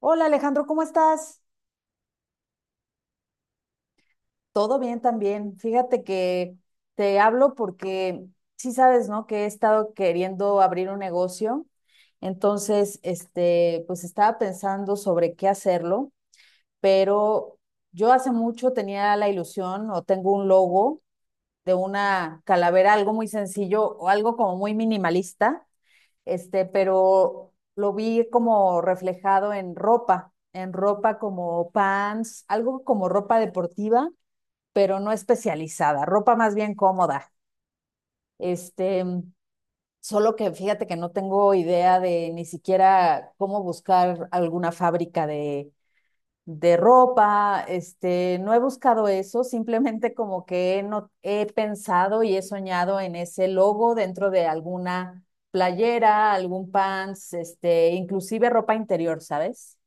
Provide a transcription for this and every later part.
Hola Alejandro, ¿cómo estás? Todo bien también. Fíjate que te hablo porque sí sabes, ¿no? Que he estado queriendo abrir un negocio. Entonces, pues estaba pensando sobre qué hacerlo, pero yo hace mucho tenía la ilusión o tengo un logo de una calavera, algo muy sencillo o algo como muy minimalista, pero lo vi como reflejado en ropa como pants, algo como ropa deportiva, pero no especializada, ropa más bien cómoda. Este, solo que fíjate que no tengo idea de ni siquiera cómo buscar alguna fábrica de ropa, no he buscado eso, simplemente como que no, he pensado y he soñado en ese logo dentro de alguna playera, algún pants, inclusive ropa interior, ¿sabes?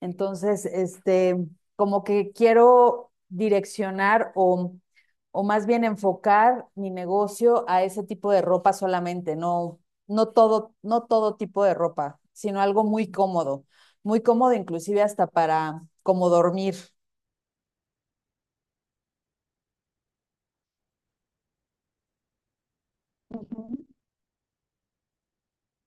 Entonces, como que quiero o más bien enfocar mi negocio a ese tipo de ropa solamente, no, no todo tipo de ropa, sino algo muy cómodo, inclusive hasta para como dormir. Ujú.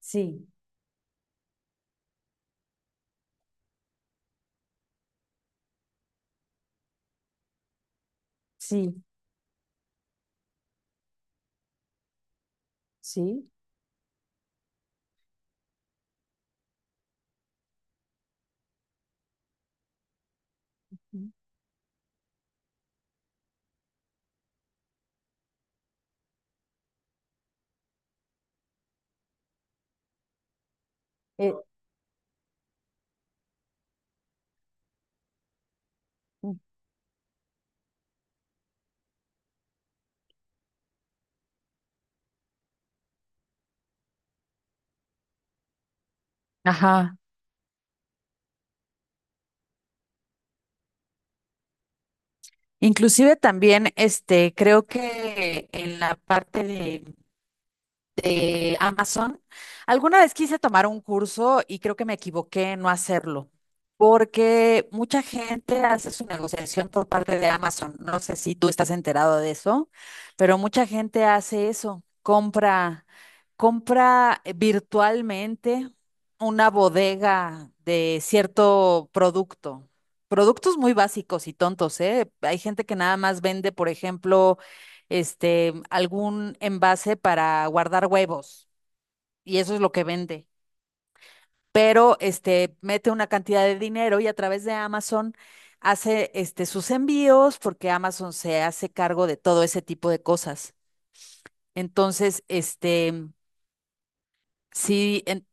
Sí, sí, sí. Eh, ajá. Inclusive también, creo que en la parte de Amazon. Alguna vez quise tomar un curso y creo que me equivoqué en no hacerlo, porque mucha gente hace su negociación por parte de Amazon. No sé si tú estás enterado de eso, pero mucha gente hace eso, compra virtualmente una bodega de cierto producto. Productos muy básicos y tontos, ¿eh? Hay gente que nada más vende, por ejemplo, algún envase para guardar huevos y eso es lo que vende. Pero mete una cantidad de dinero y a través de Amazon hace sus envíos porque Amazon se hace cargo de todo ese tipo de cosas. Entonces, sí,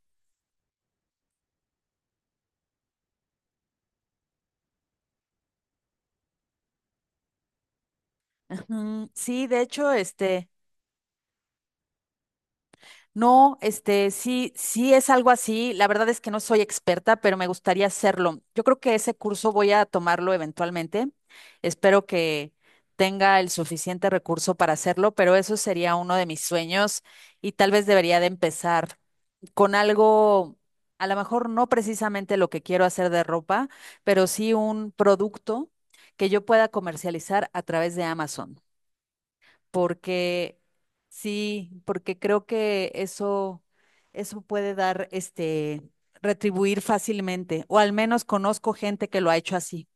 ujú, sí, de hecho, No, sí, sí es algo así. La verdad es que no soy experta, pero me gustaría hacerlo. Yo creo que ese curso voy a tomarlo eventualmente. Espero que tenga el suficiente recurso para hacerlo, pero eso sería uno de mis sueños y tal vez debería de empezar con algo, a lo mejor no precisamente lo que quiero hacer de ropa, pero sí un producto que yo pueda comercializar a través de Amazon porque sí, porque creo que eso puede dar, retribuir fácilmente, o al menos conozco gente que lo ha hecho así.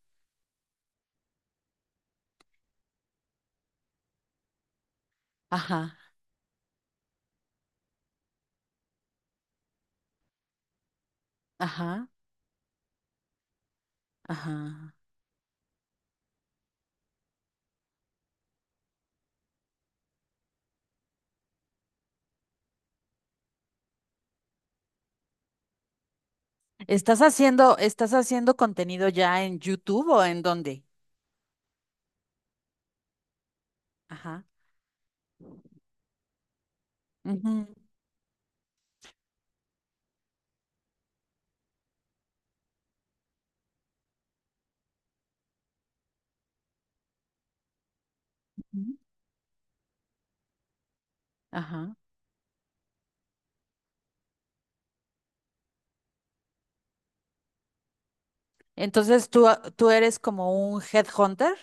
Ajá, ajá, ajá. Estás haciendo contenido ya en YouTube o en dónde? Ajá. Ujú, ujú, ajá. Entonces tú eres como un headhunter.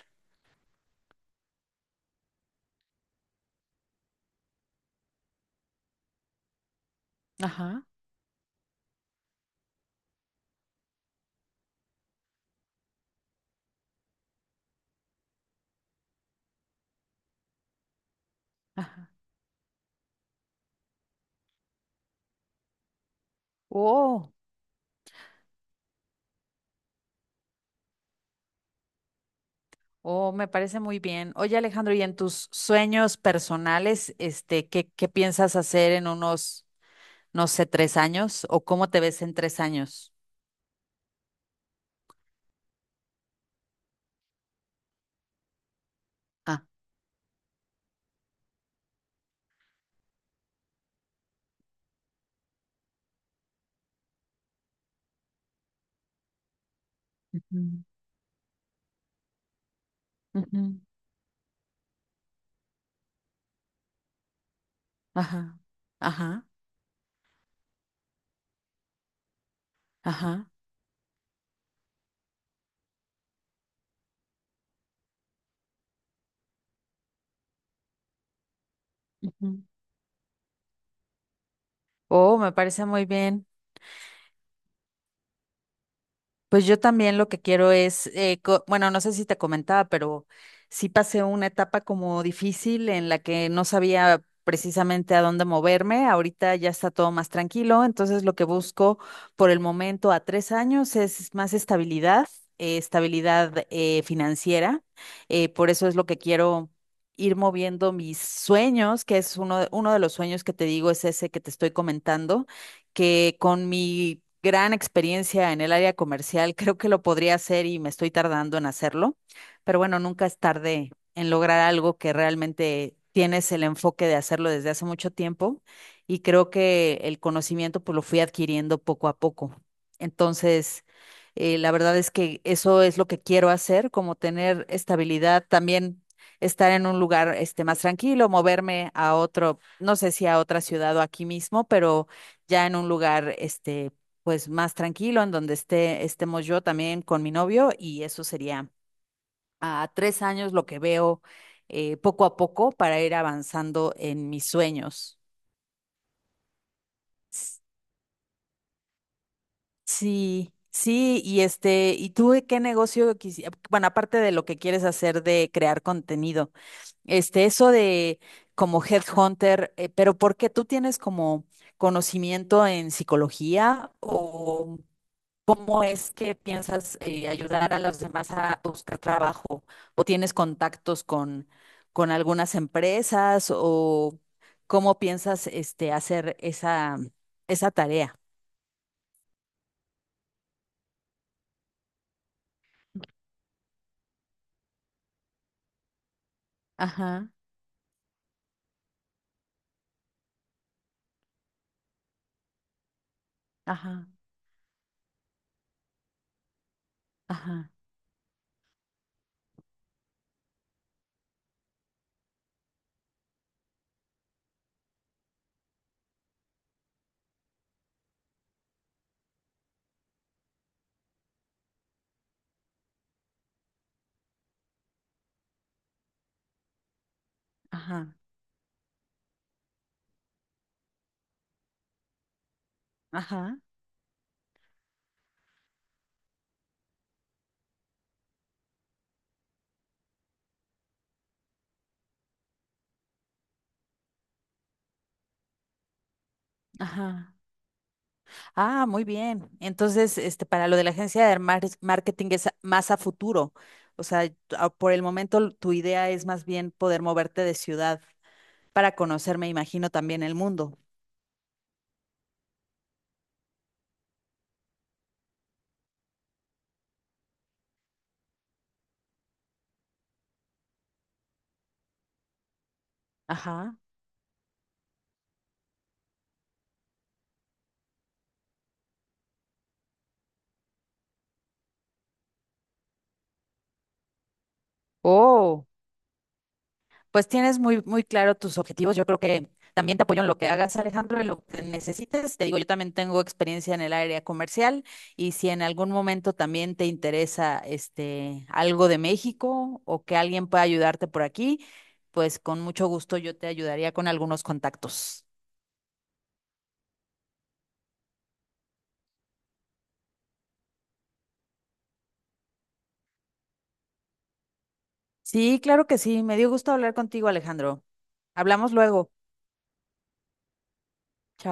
Ajá, ajá. Oh. Oh, me parece muy bien. Oye, Alejandro, ¿y en tus sueños personales, qué, qué piensas hacer en unos, no sé, 3 años? ¿O cómo te ves en 3 años? Ah, ujú, ujú, ajá, ajá, ajá. Ujú. Oh, me parece muy bien. Pues yo también lo que quiero es, bueno, no sé si te comentaba, pero sí pasé una etapa como difícil en la que no sabía precisamente a dónde moverme. Ahorita ya está todo más tranquilo, entonces lo que busco por el momento a 3 años es más estabilidad, estabilidad financiera. Eh, por eso es lo que quiero ir moviendo mis sueños, que es uno de los sueños que te digo, es ese que te estoy comentando que con mi gran experiencia en el área comercial creo que lo podría hacer y me estoy tardando en hacerlo, pero bueno, nunca es tarde en lograr algo que realmente tienes el enfoque de hacerlo desde hace mucho tiempo y creo que el conocimiento pues lo fui adquiriendo poco a poco. Entonces, la verdad es que eso es lo que quiero hacer, como tener estabilidad también estar en un lugar más tranquilo, moverme a otro, no sé si a otra ciudad o aquí mismo, pero ya en un lugar, pues más tranquilo, en donde esté, estemos yo también con mi novio, y eso sería a 3 años lo que veo poco a poco para ir avanzando en mis sueños. S- Sí, sí, y ¿y tú de qué negocio quisieras? Bueno, aparte de lo que quieres hacer de crear contenido, eso de como headhunter, pero ¿por qué tú tienes como conocimiento en psicología o ¿cómo es que piensas ayudar a los demás a buscar trabajo? ¿O tienes contactos con algunas empresas? ¿O cómo piensas hacer esa tarea? Ajá, ajá, ajá, ajá, ajá, ajá. Ah, muy bien. Entonces, para lo de la agencia de marketing es más a futuro. O sea, ah, por el momento tu idea es más bien poder moverte de ciudad para conocer, me imagino, también el mundo. Ajá. Oh, pues tienes muy claro tus objetivos. Yo creo que también te apoyo en lo que hagas, Alejandro, en lo que necesites. Te digo, yo también tengo experiencia en el área comercial y si en algún momento también te interesa algo de México o que alguien pueda ayudarte por aquí, pues con mucho gusto yo te ayudaría con algunos contactos. Sí, claro que sí. Me dio gusto hablar contigo, Alejandro. Hablamos luego. Chao.